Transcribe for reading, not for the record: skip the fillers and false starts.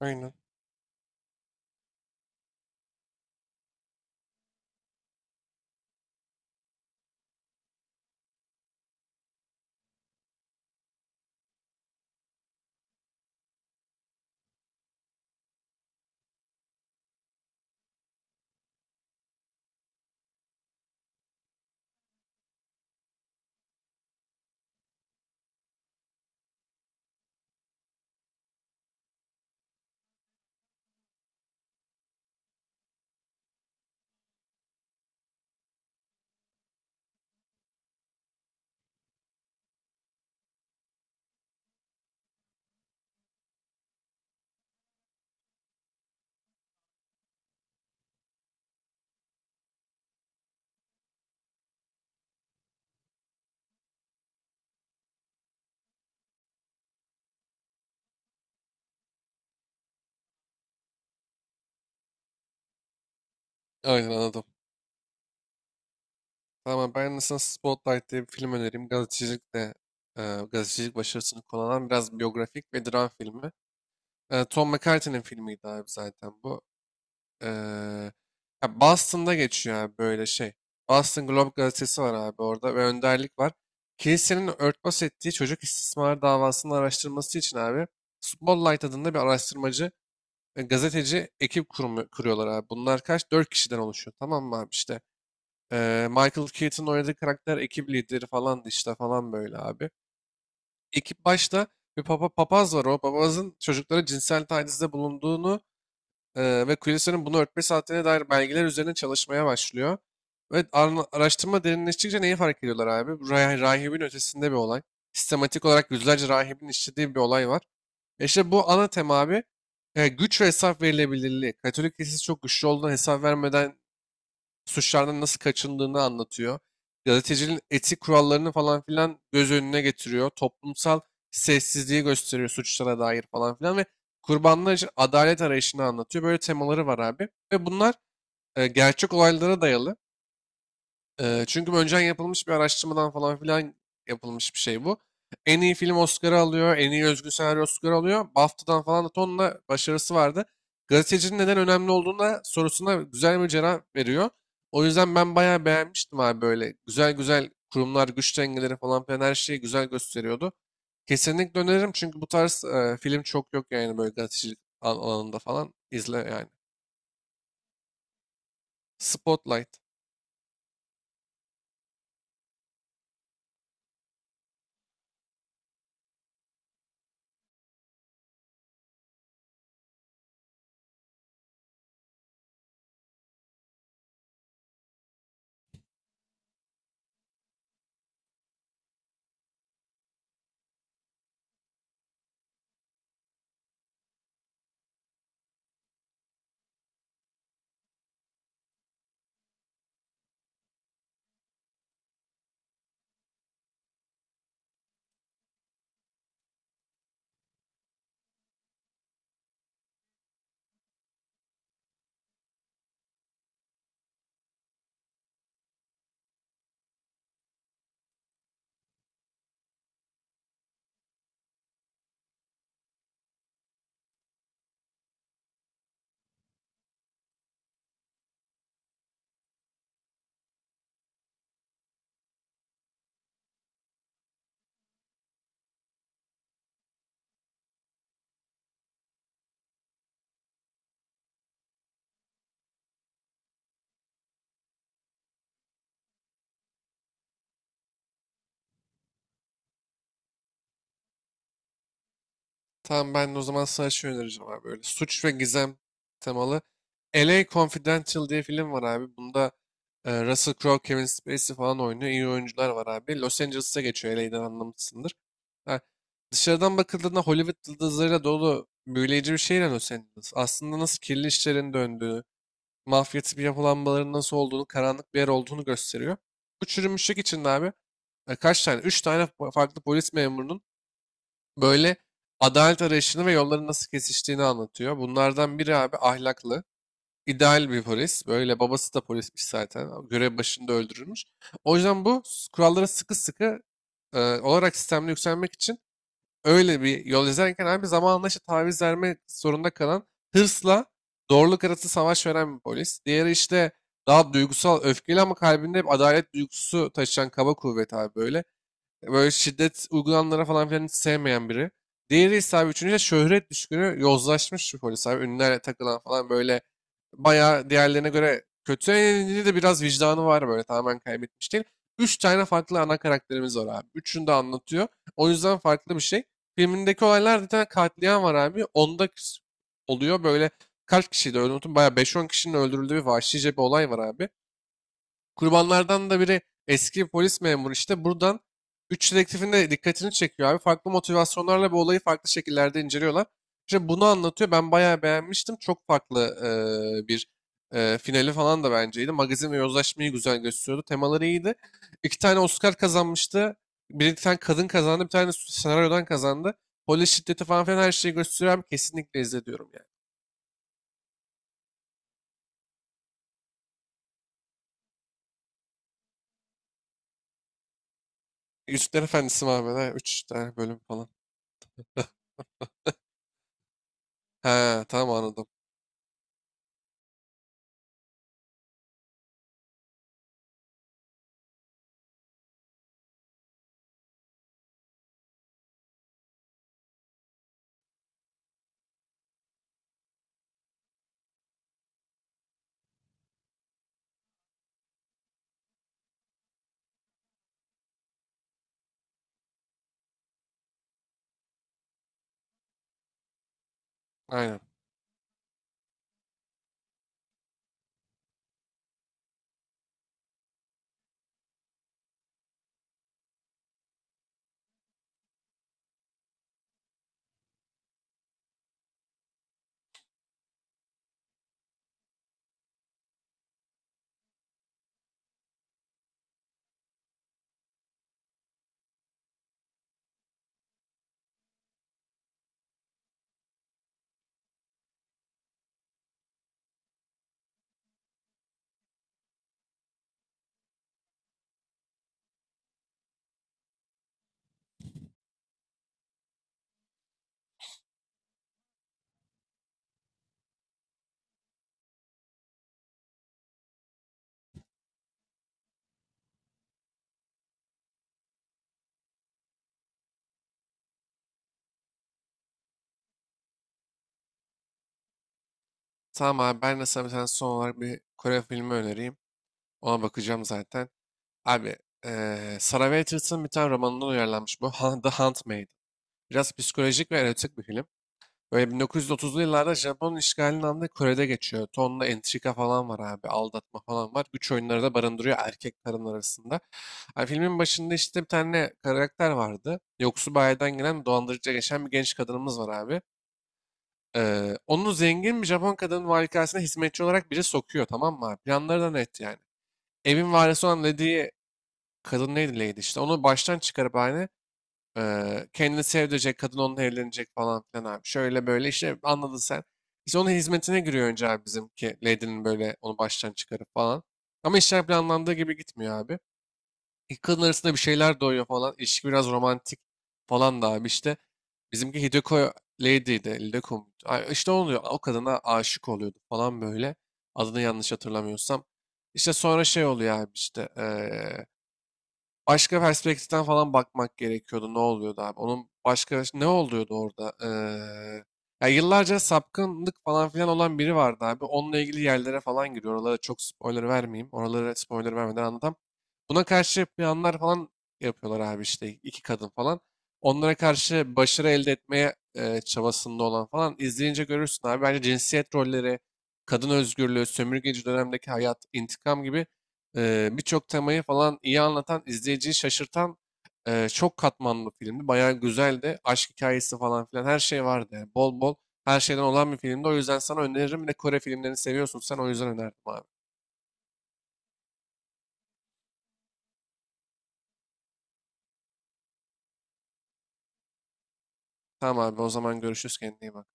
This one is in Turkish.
Aynen. Aynen anladım. Tamam ben de sana Spotlight diye bir film önereyim. E, gazetecilik başarısını konu alan biraz biyografik ve dram filmi. Tom McCarthy'nin filmiydi abi zaten bu. E, Ya Boston'da geçiyor abi böyle şey. Boston Globe gazetesi var abi orada ve önderlik var. Kilisenin örtbas ettiği çocuk istismar davasının araştırması için abi Spotlight adında bir araştırmacı ve gazeteci ekip kuruyorlar abi. Bunlar kaç? Dört kişiden oluşuyor. Tamam mı abi işte. Michael Keaton'ın oynadığı karakter ekip lideri falandı işte falan böyle abi. Ekip başta bir papaz var, o papazın çocuklara cinsel tacizde bulunduğunu ve kilisenin bunu örtmesi haddine dair belgeler üzerine çalışmaya başlıyor. Ve araştırma derinleştikçe neyi fark ediyorlar abi? Bu rahibin ötesinde bir olay. Sistematik olarak yüzlerce rahibin işlediği bir olay var. İşte bu ana tema abi güç ve hesap verilebilirliği. Katolik kilisesi çok güçlü olduğundan hesap vermeden suçlardan nasıl kaçındığını anlatıyor. Gazetecinin etik kurallarını falan filan göz önüne getiriyor. Toplumsal sessizliği gösteriyor suçlara dair falan filan ve kurbanlar için adalet arayışını anlatıyor. Böyle temaları var abi. Ve bunlar gerçek olaylara dayalı. Çünkü bu önceden yapılmış bir araştırmadan falan filan yapılmış bir şey bu. En iyi film Oscar'ı alıyor, en iyi özgün senaryo Oscar'ı alıyor. BAFTA'dan falan da tonla başarısı vardı. Gazetecinin neden önemli olduğunu da sorusuna güzel bir cevap veriyor. O yüzden ben bayağı beğenmiştim abi böyle. Güzel güzel kurumlar, güç dengeleri falan filan her şeyi güzel gösteriyordu. Kesinlikle öneririm çünkü bu tarz film çok yok yani böyle gazetecilik alanında falan. İzle yani. Spotlight. Tamam, ben de o zaman sana şey önereceğim abi. Böyle suç ve gizem temalı. LA Confidential diye film var abi. Bunda Russell Crowe, Kevin Spacey falan oynuyor. İyi oyuncular var abi. Los Angeles'a geçiyor. LA'den anlamışsındır. Ha, dışarıdan bakıldığında Hollywood yıldızlarıyla dolu büyüleyici bir şehir Los Angeles. Aslında nasıl kirli işlerin döndüğü, mafya bir yapılanmaların nasıl olduğunu, karanlık bir yer olduğunu gösteriyor. Bu çürümüşlük içinde abi kaç tane? Üç tane farklı polis memurunun böyle adalet arayışını ve yolların nasıl kesiştiğini anlatıyor. Bunlardan biri abi ahlaklı, ideal bir polis. Böyle babası da polismiş zaten. Görev başında öldürülmüş. O yüzden bu kurallara sıkı sıkı olarak sistemde yükselmek için öyle bir yol izlerken abi zamanla işte taviz vermek zorunda kalan hırsla doğruluk arası savaş veren bir polis. Diğeri işte daha duygusal, öfkeli ama kalbinde hep adalet duygusu taşıyan kaba kuvvet abi böyle. Böyle şiddet uygulananlara falan filan hiç sevmeyen biri. Diğeri ise abi, üçüncü de şöhret düşkünü yozlaşmış bir polis abi. Ünlülerle takılan falan böyle bayağı diğerlerine göre kötü. Elinde de biraz vicdanı var, böyle tamamen kaybetmiş değil. Üç tane farklı ana karakterimiz var abi. Üçünü de anlatıyor. O yüzden farklı bir şey. Filmindeki olaylar, bir tane katliam var abi. Onda oluyor böyle, kaç kişiydi öldürdüm. Bayağı beş on kişinin öldürüldüğü bir vahşice bir olay var abi. Kurbanlardan da biri eski polis memuru, işte buradan 3 dedektifin de dikkatini çekiyor abi. Farklı motivasyonlarla bu olayı farklı şekillerde inceliyorlar. İşte bunu anlatıyor. Ben bayağı beğenmiştim. Çok farklı bir finali falan da benceydi. Magazin ve yozlaşmayı güzel gösteriyordu. Temaları iyiydi. İki tane Oscar kazanmıştı. Bir tane kadın kazandı. Bir tane senaryodan kazandı. Polis şiddeti falan filan her şeyi gösteriyor abi. Kesinlikle izle diyorum yani. Yüzükler Efendisi Mahmut'a 3 tane bölüm falan. He, tamam anladım. Aynen. Tamam abi ben de sana bir tane son olarak bir Kore filmi önereyim. Ona bakacağım zaten. Abi Sarah Waterston'ın bir tane romanından uyarlanmış bu. The Handmaid. Biraz psikolojik ve erotik bir film. Böyle 1930'lu yıllarda Japon işgalinin altında Kore'de geçiyor. Tonla entrika falan var abi. Aldatma falan var. Güç oyunları da barındırıyor erkek kadın arasında. Abi filmin başında işte bir tane karakter vardı. Yoksul bir aileden gelen dolandırıcıya geçen bir genç kadınımız var abi. Onu zengin bir Japon kadının valikasına hizmetçi olarak biri sokuyor, tamam mı abi? Planları da net yani. Evin varisi olan Lady'yi, kadın neydi, Lady, işte onu baştan çıkarıp aynı kendini sevdirecek, kadın onunla evlenecek falan filan abi. Şöyle böyle işte, anladın sen. İşte onun hizmetine giriyor önce abi, bizimki Lady'nin, böyle onu baştan çıkarıp falan. Ama işler planlandığı gibi gitmiyor abi. İki kadın arasında bir şeyler doğuyor falan. İlişki biraz romantik falan da abi işte. Bizimki Hideko Lady'ydi. Hideko muydu? Ay, İşte oluyor. O kadına aşık oluyordu falan böyle. Adını yanlış hatırlamıyorsam. İşte sonra şey oluyor abi işte. Başka perspektiften falan bakmak gerekiyordu. Ne oluyordu abi? Onun başka ne oluyordu orada? Ya yıllarca sapkınlık falan filan olan biri vardı abi. Onunla ilgili yerlere falan giriyor. Oralara çok spoiler vermeyeyim. Oralara spoiler vermeden anlatamam. Buna karşı planlar falan yapıyorlar abi işte, iki kadın falan. Onlara karşı başarı elde etmeye çabasında olan, falan izleyince görürsün abi. Bence cinsiyet rolleri, kadın özgürlüğü, sömürgeci dönemdeki hayat, intikam gibi birçok temayı falan iyi anlatan, izleyiciyi şaşırtan çok katmanlı bir filmdi. Bayağı güzeldi. Aşk hikayesi falan filan her şey vardı yani. Bol bol her şeyden olan bir filmdi. O yüzden sana öneririm. Bir de Kore filmlerini seviyorsun sen, o yüzden önerdim abi. Tamam abi, o zaman görüşürüz, kendine iyi bak.